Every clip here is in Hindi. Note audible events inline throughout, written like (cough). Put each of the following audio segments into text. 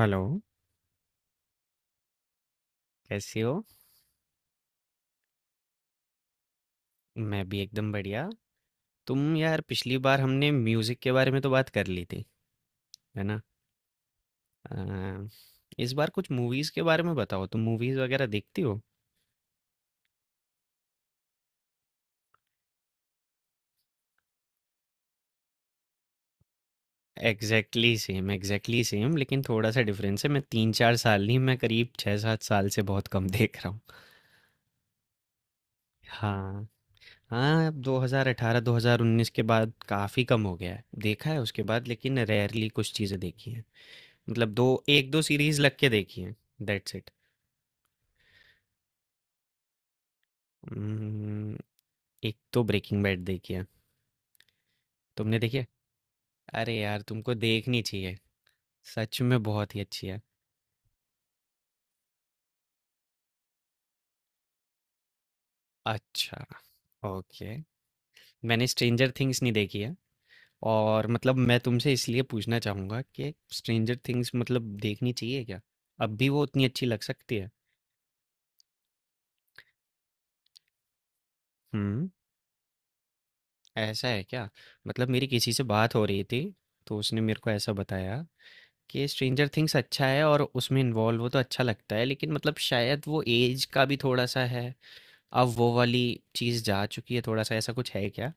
हेलो, कैसी हो? मैं भी एकदम बढ़िया। तुम यार पिछली बार हमने म्यूज़िक के बारे में तो बात कर ली थी, है ना? अ, इस बार कुछ मूवीज़ के बारे में बताओ। तुम मूवीज़ वगैरह देखती हो? एग्जैक्टली सेम, एग्जैक्टली सेम, लेकिन थोड़ा सा डिफरेंस है। मैं तीन चार साल नहीं, मैं करीब छः सात साल से बहुत कम (laughs) देख रहा हूँ। हाँ, हाँ, 2018 2019 के बाद काफ़ी कम हो गया है देखा है उसके बाद, लेकिन रेयरली कुछ चीज़ें देखी हैं। मतलब दो एक दो सीरीज लग के देखी हैं। That's it. एक तो ब्रेकिंग बैड देखी है। तुमने देखी है? अरे यार, तुमको देखनी चाहिए। सच में बहुत ही अच्छी है। अच्छा, ओके, मैंने स्ट्रेंजर थिंग्स नहीं देखी है। और मतलब मैं तुमसे इसलिए पूछना चाहूँगा कि स्ट्रेंजर थिंग्स मतलब देखनी चाहिए क्या? अब भी वो उतनी अच्छी लग सकती है? हम्म। ऐसा है क्या? मतलब मेरी किसी से बात हो रही थी, तो उसने मेरे को ऐसा बताया कि स्ट्रेंजर थिंग्स अच्छा है और उसमें इन्वॉल्व हो तो अच्छा लगता है, लेकिन मतलब शायद वो एज का भी थोड़ा सा है। अब वो वाली चीज़ जा चुकी है, थोड़ा सा ऐसा कुछ है क्या?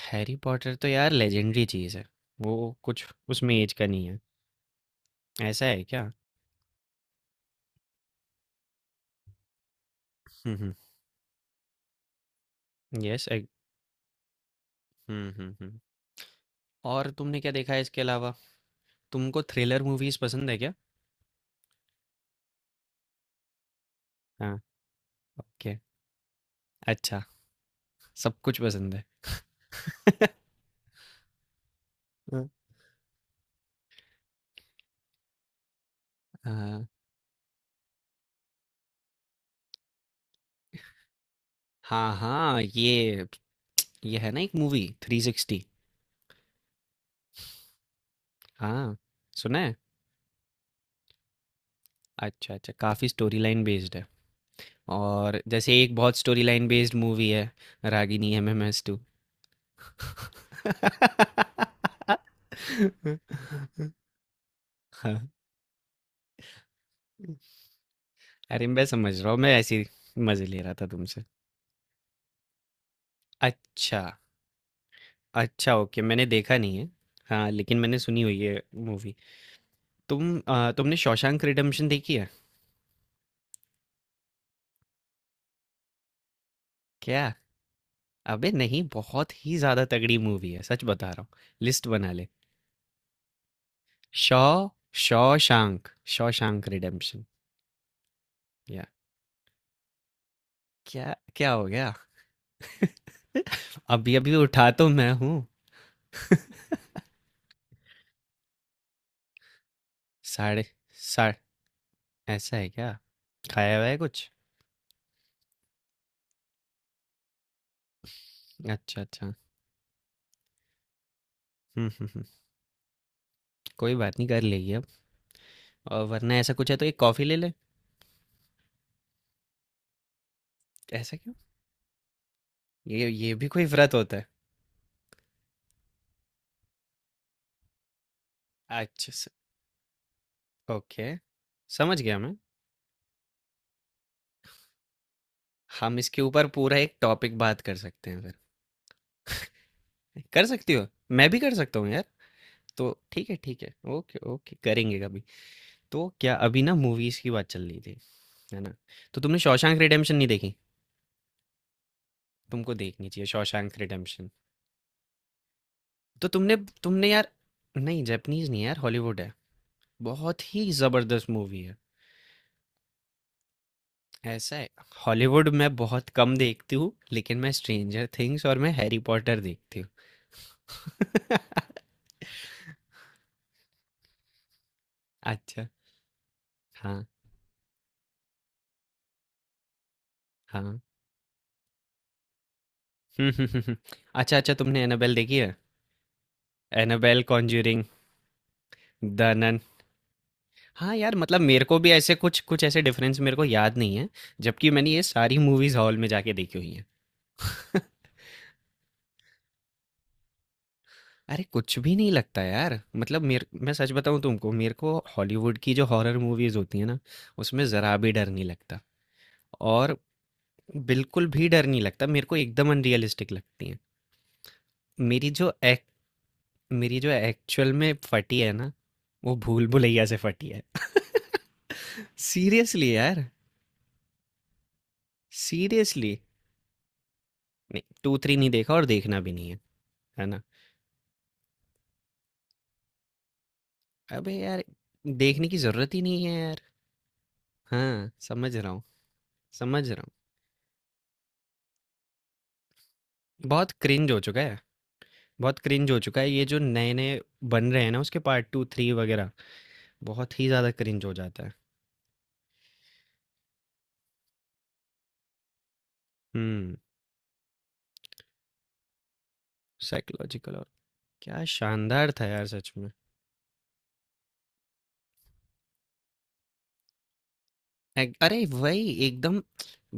हैरी पॉटर तो यार लेजेंडरी चीज़ है। वो कुछ उसमें एज का नहीं है। ऐसा है क्या? हुँ, हुँ। यस आई हुँ, हुँ, हुँ। और तुमने क्या देखा है इसके अलावा? तुमको थ्रिलर मूवीज़ पसंद है क्या? हाँ, ओके, अच्छा, सब कुछ पसंद है। हुँ। हाँ, हाँ, हाँ, ये है ना एक मूवी, 360। हाँ, सुना है? अच्छा, अच्छा, काफ़ी स्टोरी लाइन बेस्ड है। और जैसे एक बहुत स्टोरी लाइन बेस्ड मूवी है, रागिनी एमएमएस टू। हाँ, अरे मैं समझ रहा हूँ, मैं ऐसे ही मजे ले रहा था तुमसे। अच्छा, अच्छा, ओके, मैंने देखा नहीं है। हाँ, लेकिन मैंने सुनी हुई है मूवी। तुमने शॉशैंक रिडेम्पशन देखी है? क्या, अबे नहीं, बहुत ही ज्यादा तगड़ी मूवी है, सच बता रहा हूँ। लिस्ट बना ले। Shaw Shawshank Shawshank redemption. या क्या क्या हो गया? (laughs) अभी अभी उठा तो मैं हूँ। साढ़े साढ़े। ऐसा है क्या? खाया हुआ है कुछ? अच्छा, अच्छा। हम्म, हम्म, कोई बात नहीं, कर लेगी अब। और वरना ऐसा कुछ है तो एक कॉफ़ी ले ले। ऐसा क्यों? ये भी कोई व्रत होता है? अच्छा, ओके। समझ गया मैं। हम इसके ऊपर पूरा एक टॉपिक बात कर सकते हैं फिर। कर सकती हो? मैं भी कर सकता हूँ यार। तो ठीक है, ठीक है, ओके, ओके, करेंगे कभी। तो क्या अभी ना मूवीज़ की बात चल रही थी, है ना? तो तुमने शॉशैंक रिडेम्पशन नहीं देखी। तुमको देखनी चाहिए शॉशैंक रिडेम्पशन। तो तुमने तुमने यार, नहीं जैपनीज नहीं है यार, हॉलीवुड है। बहुत ही जबरदस्त मूवी है। ऐसा है। हॉलीवुड मैं बहुत कम देखती हूँ, लेकिन मैं स्ट्रेंजर थिंग्स और मैं हैरी पॉटर देखती हूँ। (laughs) अच्छा। हाँ, हाँ। (laughs) अच्छा, अच्छा, तुमने एनाबेल देखी है? Annabelle, Conjuring, the Nun. हाँ यार, मतलब मेरे को भी ऐसे कुछ कुछ ऐसे डिफरेंस मेरे को याद नहीं है। जबकि मैंने ये सारी मूवीज हॉल में जाके देखी हुई हैं। (laughs) अरे कुछ भी नहीं लगता यार, मतलब मेरे, मैं सच बताऊं तुमको, मेरे को हॉलीवुड की जो हॉरर मूवीज होती है ना, उसमें ज़रा भी डर नहीं लगता। और बिल्कुल भी डर नहीं लगता मेरे को, एकदम अनरियलिस्टिक लगती हैं। मेरी जो एक मेरी जो एक्चुअल में फटी है ना, वो भूल भुलैया से फटी है। (laughs) सीरियसली यार। सीरियसली। नहीं, टू थ्री नहीं देखा, और देखना भी नहीं है, है ना? अबे यार, देखने की जरूरत ही नहीं है यार। हाँ, समझ रहा हूँ, समझ रहा हूँ। बहुत क्रिंज हो चुका है। बहुत क्रिंज हो चुका है। ये जो नए-नए बन रहे हैं ना, उसके पार्ट 2, 3 वगैरह, बहुत ही ज़्यादा क्रिंज हो जाता है। हुँ, साइकोलॉजिकल, और क्या शानदार था यार, सच में। एक, अरे वही एकदम,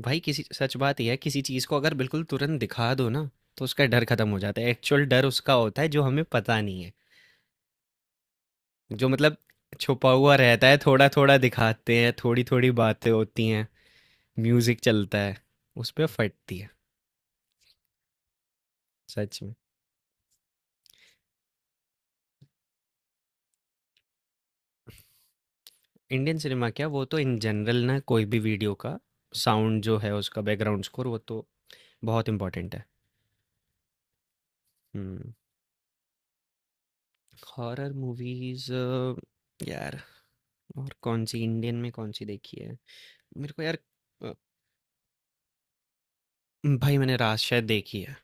भाई किसी, सच बात ये है, किसी चीज़ को अगर बिल्कुल तुरंत दिखा दो ना, तो उसका डर खत्म हो जाता है। एक्चुअल डर उसका होता है जो हमें पता नहीं है। जो मतलब छुपा हुआ रहता है, थोड़ा-थोड़ा दिखाते हैं, थोड़ी-थोड़ी बातें होती हैं, म्यूज़िक चलता है, उस पे फटती है, सच में। इंडियन सिनेमा क्या, वो तो इन जनरल ना कोई भी वीडियो का साउंड जो है उसका बैकग्राउंड स्कोर वो तो बहुत इम्पोर्टेंट है। हुँ। हॉरर मूवीज़ यार, और कौन-सी, इंडियन में कौन-सी देखी है? मेरे को यार, अ, भाई मैंने रात शायद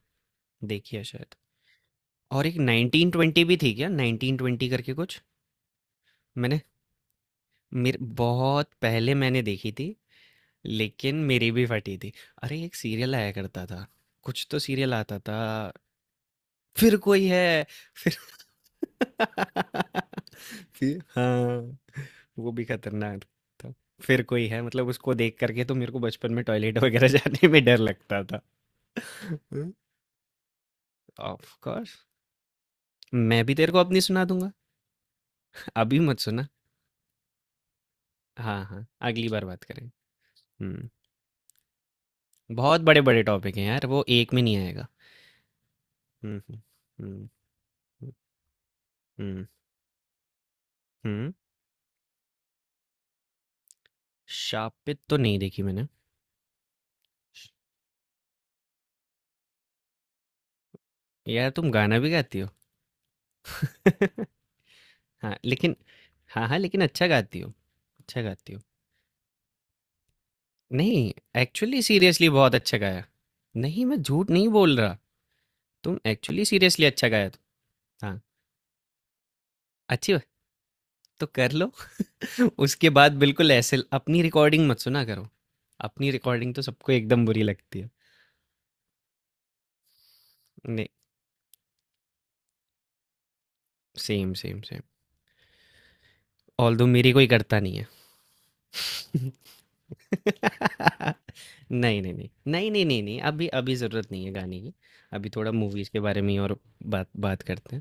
देखी है शायद। और एक 1920 भी थी क्या? 1920 करके कुछ? मैंने मेर बहुत पहले मैंने देखी थी, लेकिन मेरी भी फटी थी। अरे एक सीरियल आया करता था, कुछ तो सीरियल आता था, फिर कोई है, फिर (laughs) फिर, हाँ, वो भी खतरनाक था। फिर कोई है, मतलब उसको देख करके तो मेरे को बचपन में टॉयलेट वगैरह जाने में डर लगता था। ऑफ कोर्स, मैं भी तेरे को अपनी सुना दूंगा। अभी मत सुना। हाँ, हाँ, अगली बार बात करें। हम्म। बहुत बड़े बड़े टॉपिक हैं यार, वो एक में नहीं आएगा। हम्म, हम्म, हम्म। हम्म, हम्म, हम्म। शापित तो नहीं देखी मैंने। यार तुम गाना भी गाती हो। (laughs) हाँ, लेकिन, हाँ, हाँ, लेकिन अच्छा गाती हो, अच्छा गाती हो। नहीं, एक्चुअली सीरियसली बहुत अच्छा गाया। नहीं, मैं झूठ नहीं बोल रहा। तुम एक्चुअली सीरियसली अच्छा गाया तो। हाँ, अच्छी बात, तो कर लो। (laughs) उसके बाद बिल्कुल ऐसे ल अपनी रिकॉर्डिंग मत सुना करो। अपनी रिकॉर्डिंग तो सबको एकदम बुरी लगती है। नहीं, सेम, सेम, सेम। ऑल्दो मेरी कोई करता नहीं है। (laughs) नहीं, नहीं, नहीं। नहीं, नहीं, नहीं, नहीं, अभी अभी ज़रूरत नहीं है गाने की। अभी थोड़ा मूवीज़ के बारे में ही और बात बात करते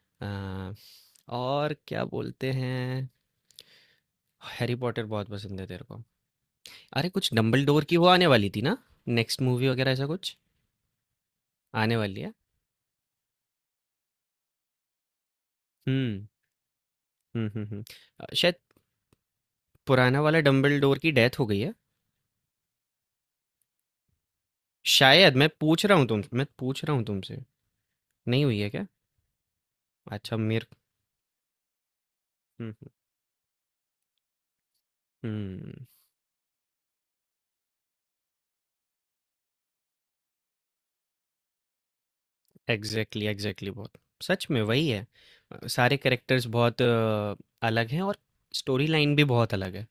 हैं। आ, और क्या बोलते हैं। हैरी पॉटर बहुत पसंद है तेरे को? अरे कुछ डंबलडोर की वो आने वाली थी ना, नेक्स्ट मूवी वगैरह, ऐसा कुछ? आने वाली है। हम्म, हम्म, हम्म, शायद पुराना वाला डंबलडोर की डेथ हो गई है? शायद, मैं पूछ रहा हूँ तुमसे। नहीं हुई है क्या? अच्छा, मेरे, हम्म, हम्म। एग्जैक्टली, एग्जैक्टली, बहुत सच में वही है। सारे कैरेक्टर्स बहुत अलग हैं, और स्टोरी लाइन भी बहुत अलग है।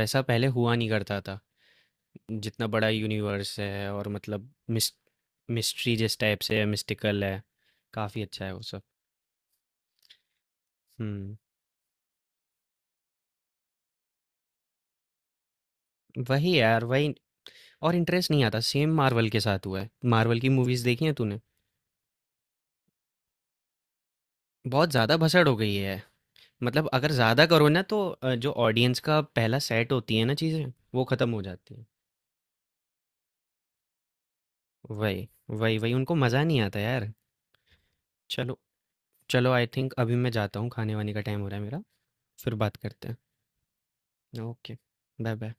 वैसा पहले हुआ नहीं करता था। जितना बड़ा यूनिवर्स है, और मतलब मिस्ट्री जिस टाइप से है, मिस्टिकल है, काफ़ी अच्छा है वो सब। हम्म। वही यार, वही। और इंटरेस्ट नहीं आता। सेम मार्वल के साथ हुआ है। मार्वल की मूवीज़ देखी हैं तूने? बहुत ज़्यादा भसड़ हो गई है। मतलब अगर ज़्यादा करो ना, तो जो ऑडियंस का पहला सेट होती है ना चीज़ें, वो ख़त्म हो जाती है। वही, वही, वही, उनको मज़ा नहीं आता यार। चलो, चलो, आई थिंक अभी मैं जाता हूँ, खाने वाने का टाइम हो रहा है मेरा। फिर बात करते हैं, ओके? Bye bye.